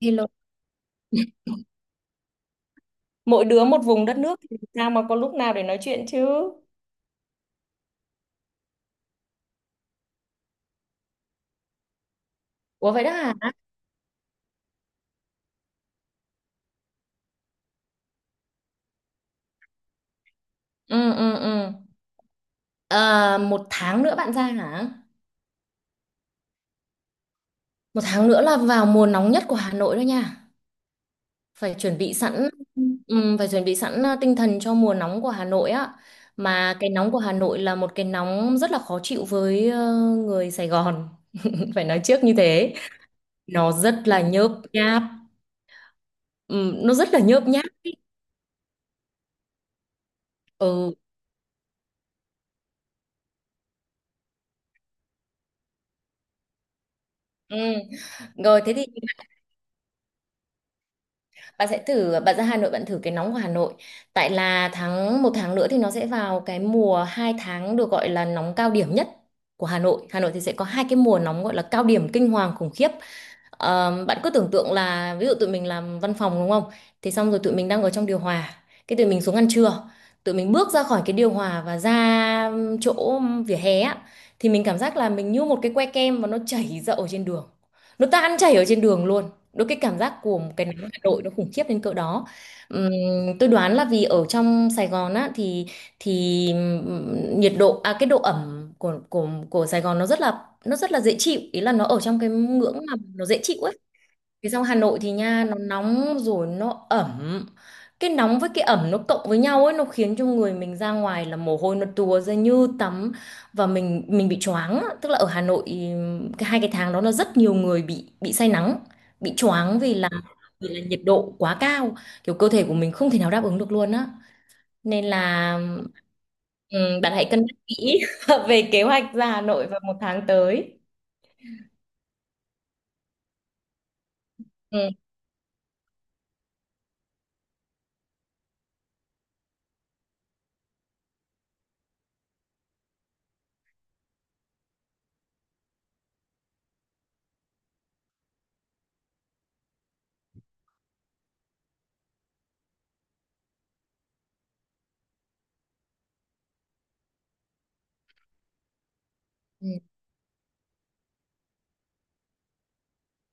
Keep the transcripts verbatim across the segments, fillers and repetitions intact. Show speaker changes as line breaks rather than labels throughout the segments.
Hello. Mỗi đứa một vùng đất nước thì sao mà có lúc nào để nói chuyện chứ? Ủa vậy đó hả? Ừ ừ ừ. À, một tháng nữa bạn ra hả? Một tháng nữa là vào mùa nóng nhất của Hà Nội đó nha. Phải chuẩn bị sẵn, ừm, phải chuẩn bị sẵn, à, tinh thần cho mùa nóng của Hà Nội á. Mà cái nóng của Hà Nội là một cái nóng rất là khó chịu với ờ, người Sài Gòn. Phải nói trước như thế. Nó rất là nhớp nháp. Ừm, nó rất là nhớp nháp. ý. Ừ. Ừ. Rồi thế thì bạn sẽ thử, bạn ra Hà Nội bạn thử cái nóng của Hà Nội. Tại là tháng, một tháng nữa thì nó sẽ vào cái mùa hai tháng được gọi là nóng cao điểm nhất của Hà Nội Hà Nội thì sẽ có hai cái mùa nóng gọi là cao điểm kinh hoàng khủng khiếp. Ờ, bạn cứ tưởng tượng là ví dụ tụi mình làm văn phòng đúng không, thì xong rồi tụi mình đang ở trong điều hòa, cái tụi mình xuống ăn trưa, tụi mình bước ra khỏi cái điều hòa và ra chỗ vỉa hè á, thì mình cảm giác là mình như một cái que kem mà nó chảy ra ở trên đường, nó tan chảy ở trên đường luôn. Đôi cái cảm giác của một cái nắng Hà Nội nó khủng khiếp đến cỡ đó. Ừm, tôi đoán là vì ở trong Sài Gòn á thì thì ừm, nhiệt độ, à cái độ ẩm của của của Sài Gòn nó rất là, nó rất là dễ chịu, ý là nó ở trong cái ngưỡng mà nó dễ chịu ấy. Cái xong Hà Nội thì nha, nó nóng rồi nó ẩm, cái nóng với cái ẩm nó cộng với nhau ấy, nó khiến cho người mình ra ngoài là mồ hôi nó tùa ra như tắm, và mình mình bị choáng á. Tức là ở Hà Nội, ừm, cái hai cái tháng đó là rất nhiều người bị bị say nắng, bị choáng vì là, vì là nhiệt độ quá cao, kiểu cơ thể của mình không thể nào đáp ứng được luôn á, nên là ừm, bạn hãy cân nhắc kỹ về kế hoạch ra Hà Nội vào một tháng tới. Ừ. Ừ.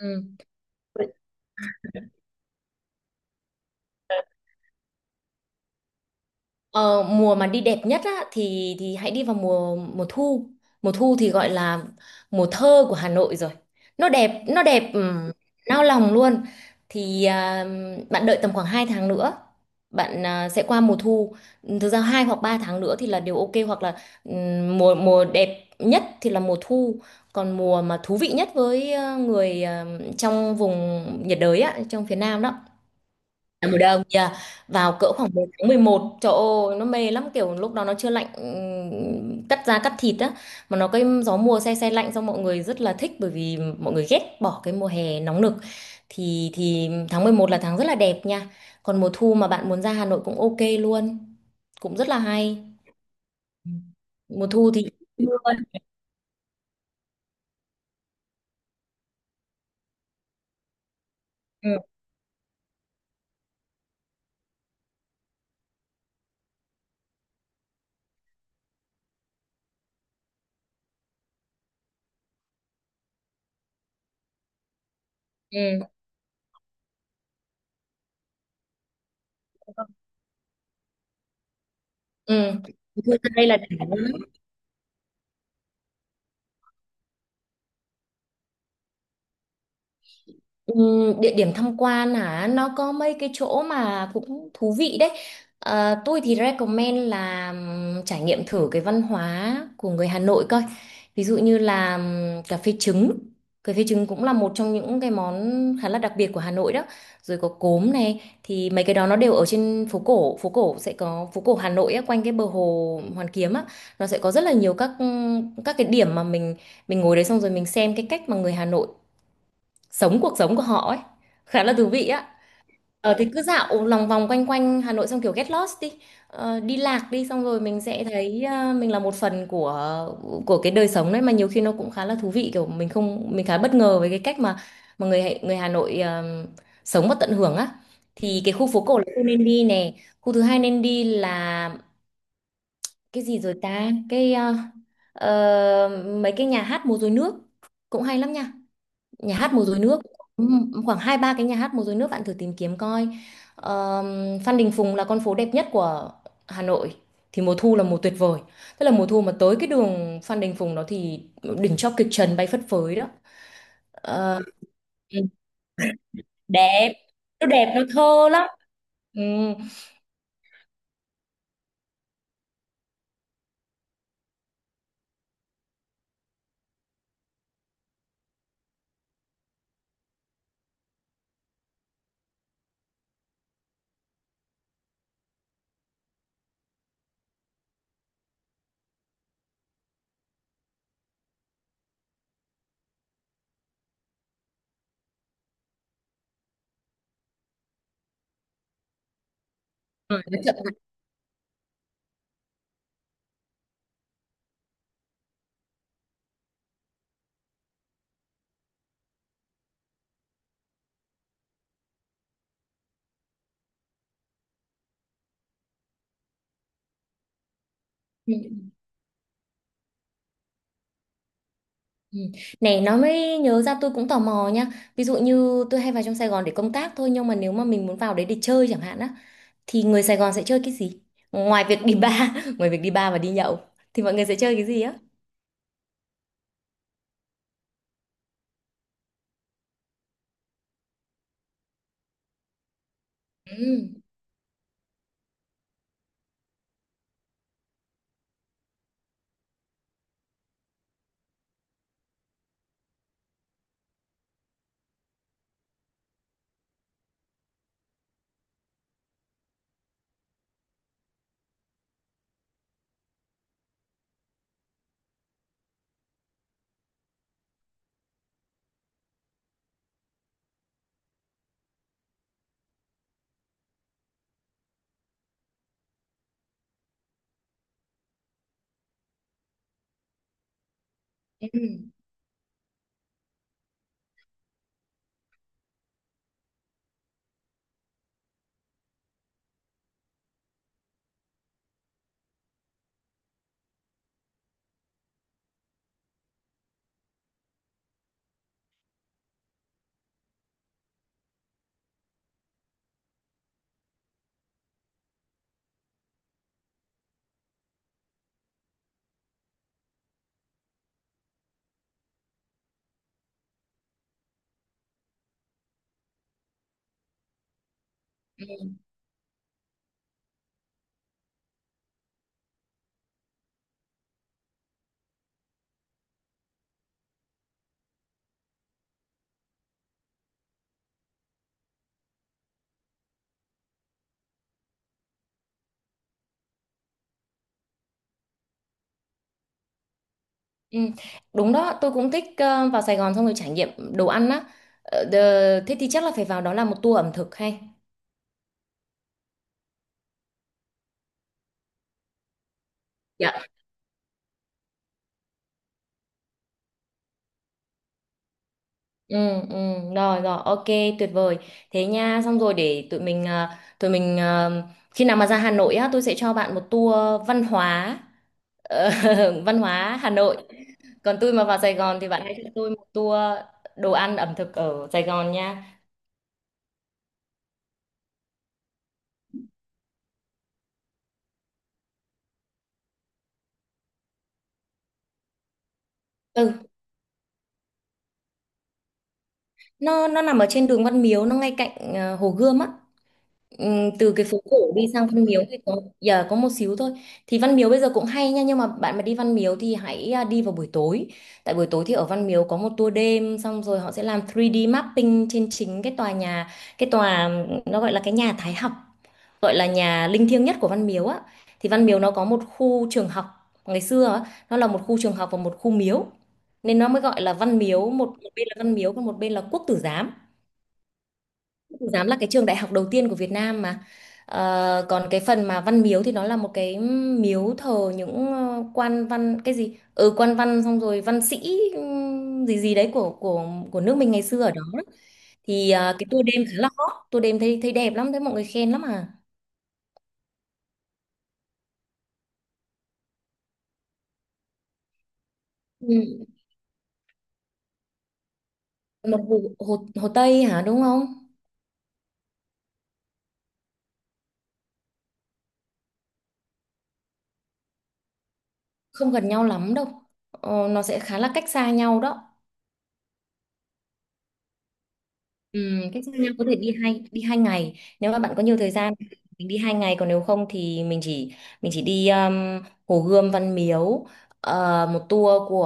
Ừ. Ờ, mùa mà đi đẹp nhất á, thì thì hãy đi vào mùa mùa thu. Mùa thu thì gọi là mùa thơ của Hà Nội rồi. Nó đẹp, nó đẹp, ừm, nao lòng luôn. Thì à, bạn đợi tầm khoảng hai tháng nữa, bạn à, sẽ qua mùa thu. Thực ra hai hoặc ba tháng nữa thì là điều ok, hoặc là ừm, mùa mùa đẹp nhất thì là mùa thu. Còn mùa mà thú vị nhất với ờ, người ờ, trong vùng nhiệt đới á, trong phía Nam đó là mùa đông nha, vào cỡ khoảng mười tháng mười một, trời ơi nó mê lắm, kiểu lúc đó nó chưa lạnh, ừm, cắt da cắt thịt á, mà nó cái gió mùa se se lạnh, xong mọi người rất là thích bởi vì mọi người ghét bỏ cái mùa hè nóng nực. Thì thì tháng mười một là tháng rất là đẹp nha. Còn mùa thu mà bạn muốn ra Hà Nội cũng ok luôn, cũng rất là hay. Ừ. Mùa thu thì ừ. Ừ. Ừ. Mùa thu ra đây là đỉnh. Ừm, địa điểm tham quan hả, nó có mấy cái chỗ mà cũng thú vị đấy. Ờ, tôi thì recommend là ừm, trải nghiệm thử cái văn hóa của người Hà Nội coi, ví dụ như là ừm, cà phê trứng. Cà phê trứng cũng là một trong những cái món khá là đặc biệt của Hà Nội đó. Rồi có cốm này, thì mấy cái đó nó đều ở trên phố cổ. Phố cổ sẽ có, phố cổ Hà Nội á, quanh cái bờ hồ Hoàn Kiếm á, nó sẽ có rất là nhiều các các cái điểm mà mình mình ngồi đấy xong rồi mình xem cái cách mà người Hà Nội sống cuộc sống của họ ấy, khá là thú vị á. Ờ thì cứ dạo lòng vòng quanh quanh Hà Nội xong kiểu get lost đi, ờ, đi lạc đi, xong rồi mình sẽ thấy ờ, mình là một phần của của cái đời sống đấy, mà nhiều khi nó cũng khá là thú vị, kiểu mình không, mình khá bất ngờ với cái cách mà mà người Hà- người Hà Nội ờ, sống và tận hưởng á. Thì cái khu phố cổ là khu nên đi nè. Khu thứ hai nên đi là cái gì rồi ta, cái ờ, ờ, mấy cái nhà hát múa rối nước cũng hay lắm nha, nhà hát múa rối nước. Ừm, khoảng hai ba cái nhà hát múa rối nước bạn thử tìm kiếm coi. Ờm, Phan Đình Phùng là con phố đẹp nhất của Hà Nội. Thì mùa thu là mùa tuyệt vời, tức là mùa thu mà tới cái đường Phan Đình Phùng đó thì đỉnh cho kịch trần bay phất phới đó. Ờ, ừ, đẹp, nó đẹp nó thơ lắm. Ừ. Ờ, nó chậm lại. Ừ, ừ. Này nó mới nhớ ra, tôi cũng tò mò nha. Ví dụ như tôi hay vào trong Sài Gòn để công tác thôi, nhưng mà nếu mà mình muốn vào đấy để chơi chẳng hạn á, thì người Sài Gòn sẽ chơi cái gì ngoài việc đi bar? Ngoài việc đi bar và đi nhậu thì mọi người sẽ chơi cái gì á? Ừ. Ừ. Ừ. Ừ. Đúng đó, tôi cũng thích ờ, vào Sài Gòn xong rồi trải nghiệm đồ ăn á. Ờ, đờ- thế thì chắc là phải vào đó làm một tour ẩm thực hay. Dạ. Ừ, ừ. Rồi rồi ok, tuyệt vời. Thế nha, xong rồi để tụi mình ờ, tụi mình ờ, khi nào mà ra Hà Nội á tôi sẽ cho bạn một tour văn hóa, ờ, văn hóa Hà Nội. Còn tôi mà vào Sài Gòn thì bạn hãy cho tôi một tour đồ ăn ẩm thực ở Sài Gòn nha. Ừ, nó nó nằm ở trên đường Văn Miếu, nó ngay cạnh ờ, Hồ Gươm á. Ừm, từ cái phố cổ đi sang Văn Miếu thì có giờ có một xíu thôi. Thì Văn Miếu bây giờ cũng hay nha, nhưng mà bạn mà đi Văn Miếu thì hãy à, đi vào buổi tối. Tại buổi tối thì ở Văn Miếu có một tour đêm, xong rồi họ sẽ làm three D mapping trên chính cái tòa nhà, cái tòa, nó gọi là cái nhà Thái Học, gọi là nhà linh thiêng nhất của Văn Miếu á. Thì Văn Miếu nó có một khu trường học, ngày xưa á, nó là một khu trường học và một khu miếu, nên nó mới gọi là Văn Miếu. Một, một bên là Văn Miếu còn một bên là Quốc Tử Giám. Giám là cái trường đại học đầu tiên của Việt Nam mà. Ờ, còn cái phần mà văn miếu thì nó là một cái miếu thờ những ờ, quan văn, cái gì ừ, quan văn xong rồi văn sĩ, ừm, gì gì đấy của của của nước mình ngày xưa ở đó. Thì ờ, cái tour đêm khá là hot, tour đêm thấy, thấy đẹp lắm, thấy mọi người khen lắm à. Ừ. Một hồ, hồ, hồ Tây hả đúng không? Không gần nhau lắm đâu, ờ, nó sẽ khá là cách xa nhau đó. Ừ, cách xa nhau, có thể đi hai, đi hai ngày nếu mà bạn có nhiều thời gian thì mình đi hai ngày. Còn nếu không thì mình chỉ mình chỉ đi um, Hồ Gươm, Văn Miếu, ờ, một tour của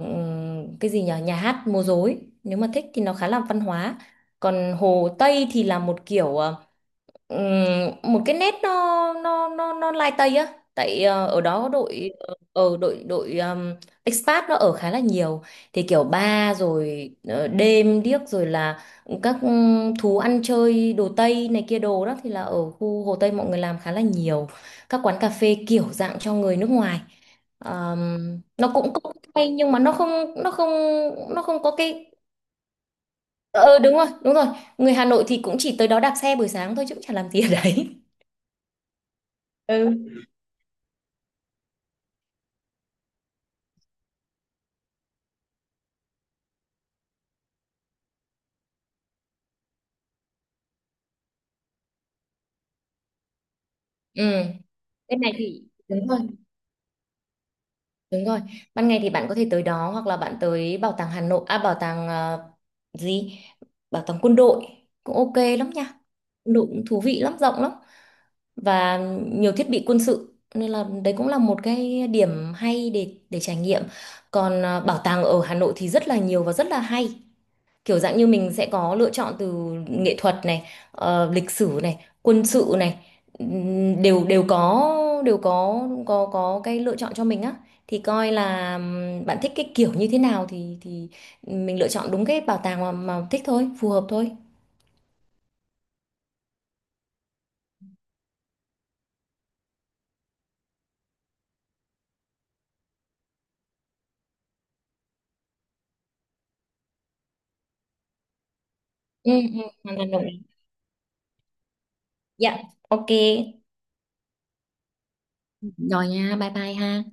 ừm, cái gì nhỉ, nhà hát múa rối, nếu mà thích thì nó khá là văn hóa. Còn Hồ Tây thì là một kiểu ờ, Ừm, một cái nét, nó nó nó nó lai tây á, tại ờ, ở đó có đội, ở đội đội um, expat nó ở khá là nhiều, thì kiểu bar rồi ờ, đêm điếc rồi là các ừm, thú ăn chơi đồ tây này kia đồ đó thì là ở khu Hồ Tây mọi người làm khá là nhiều, các quán cà phê kiểu dạng cho người nước ngoài. Ờm, nó cũng cũng hay nhưng mà nó không nó không nó không có cái, ờ ừ, đúng rồi, đúng rồi. Người Hà Nội thì cũng chỉ tới đó đạp xe buổi sáng thôi chứ cũng chả làm gì ở đấy. Ừ. Ừ, bên này thì đúng rồi, đúng rồi. Ban ngày thì bạn có thể tới đó, hoặc là bạn tới bảo tàng Hà Nội, à bảo tàng ờ, gì? Bảo tàng quân đội cũng ok lắm nha. Quân đội cũng thú vị lắm, rộng lắm, và nhiều thiết bị quân sự, nên là đấy cũng là một cái điểm hay để để trải nghiệm. Còn ờ, bảo tàng ở Hà Nội thì rất là nhiều và rất là hay. Kiểu dạng như mình sẽ có lựa chọn từ nghệ thuật này, ờ, lịch sử này, quân sự này, ừm, đều đều có, đều có có có cái lựa chọn cho mình á. Thì coi là ừm, bạn thích cái kiểu như thế nào thì thì mình lựa chọn đúng cái bảo tàng mà, mà thích thôi, phù hợp thôi. Ừ, ừ, hoàn toàn đồng ý. Dạ. Ok. Rồi nha, bye bye ha.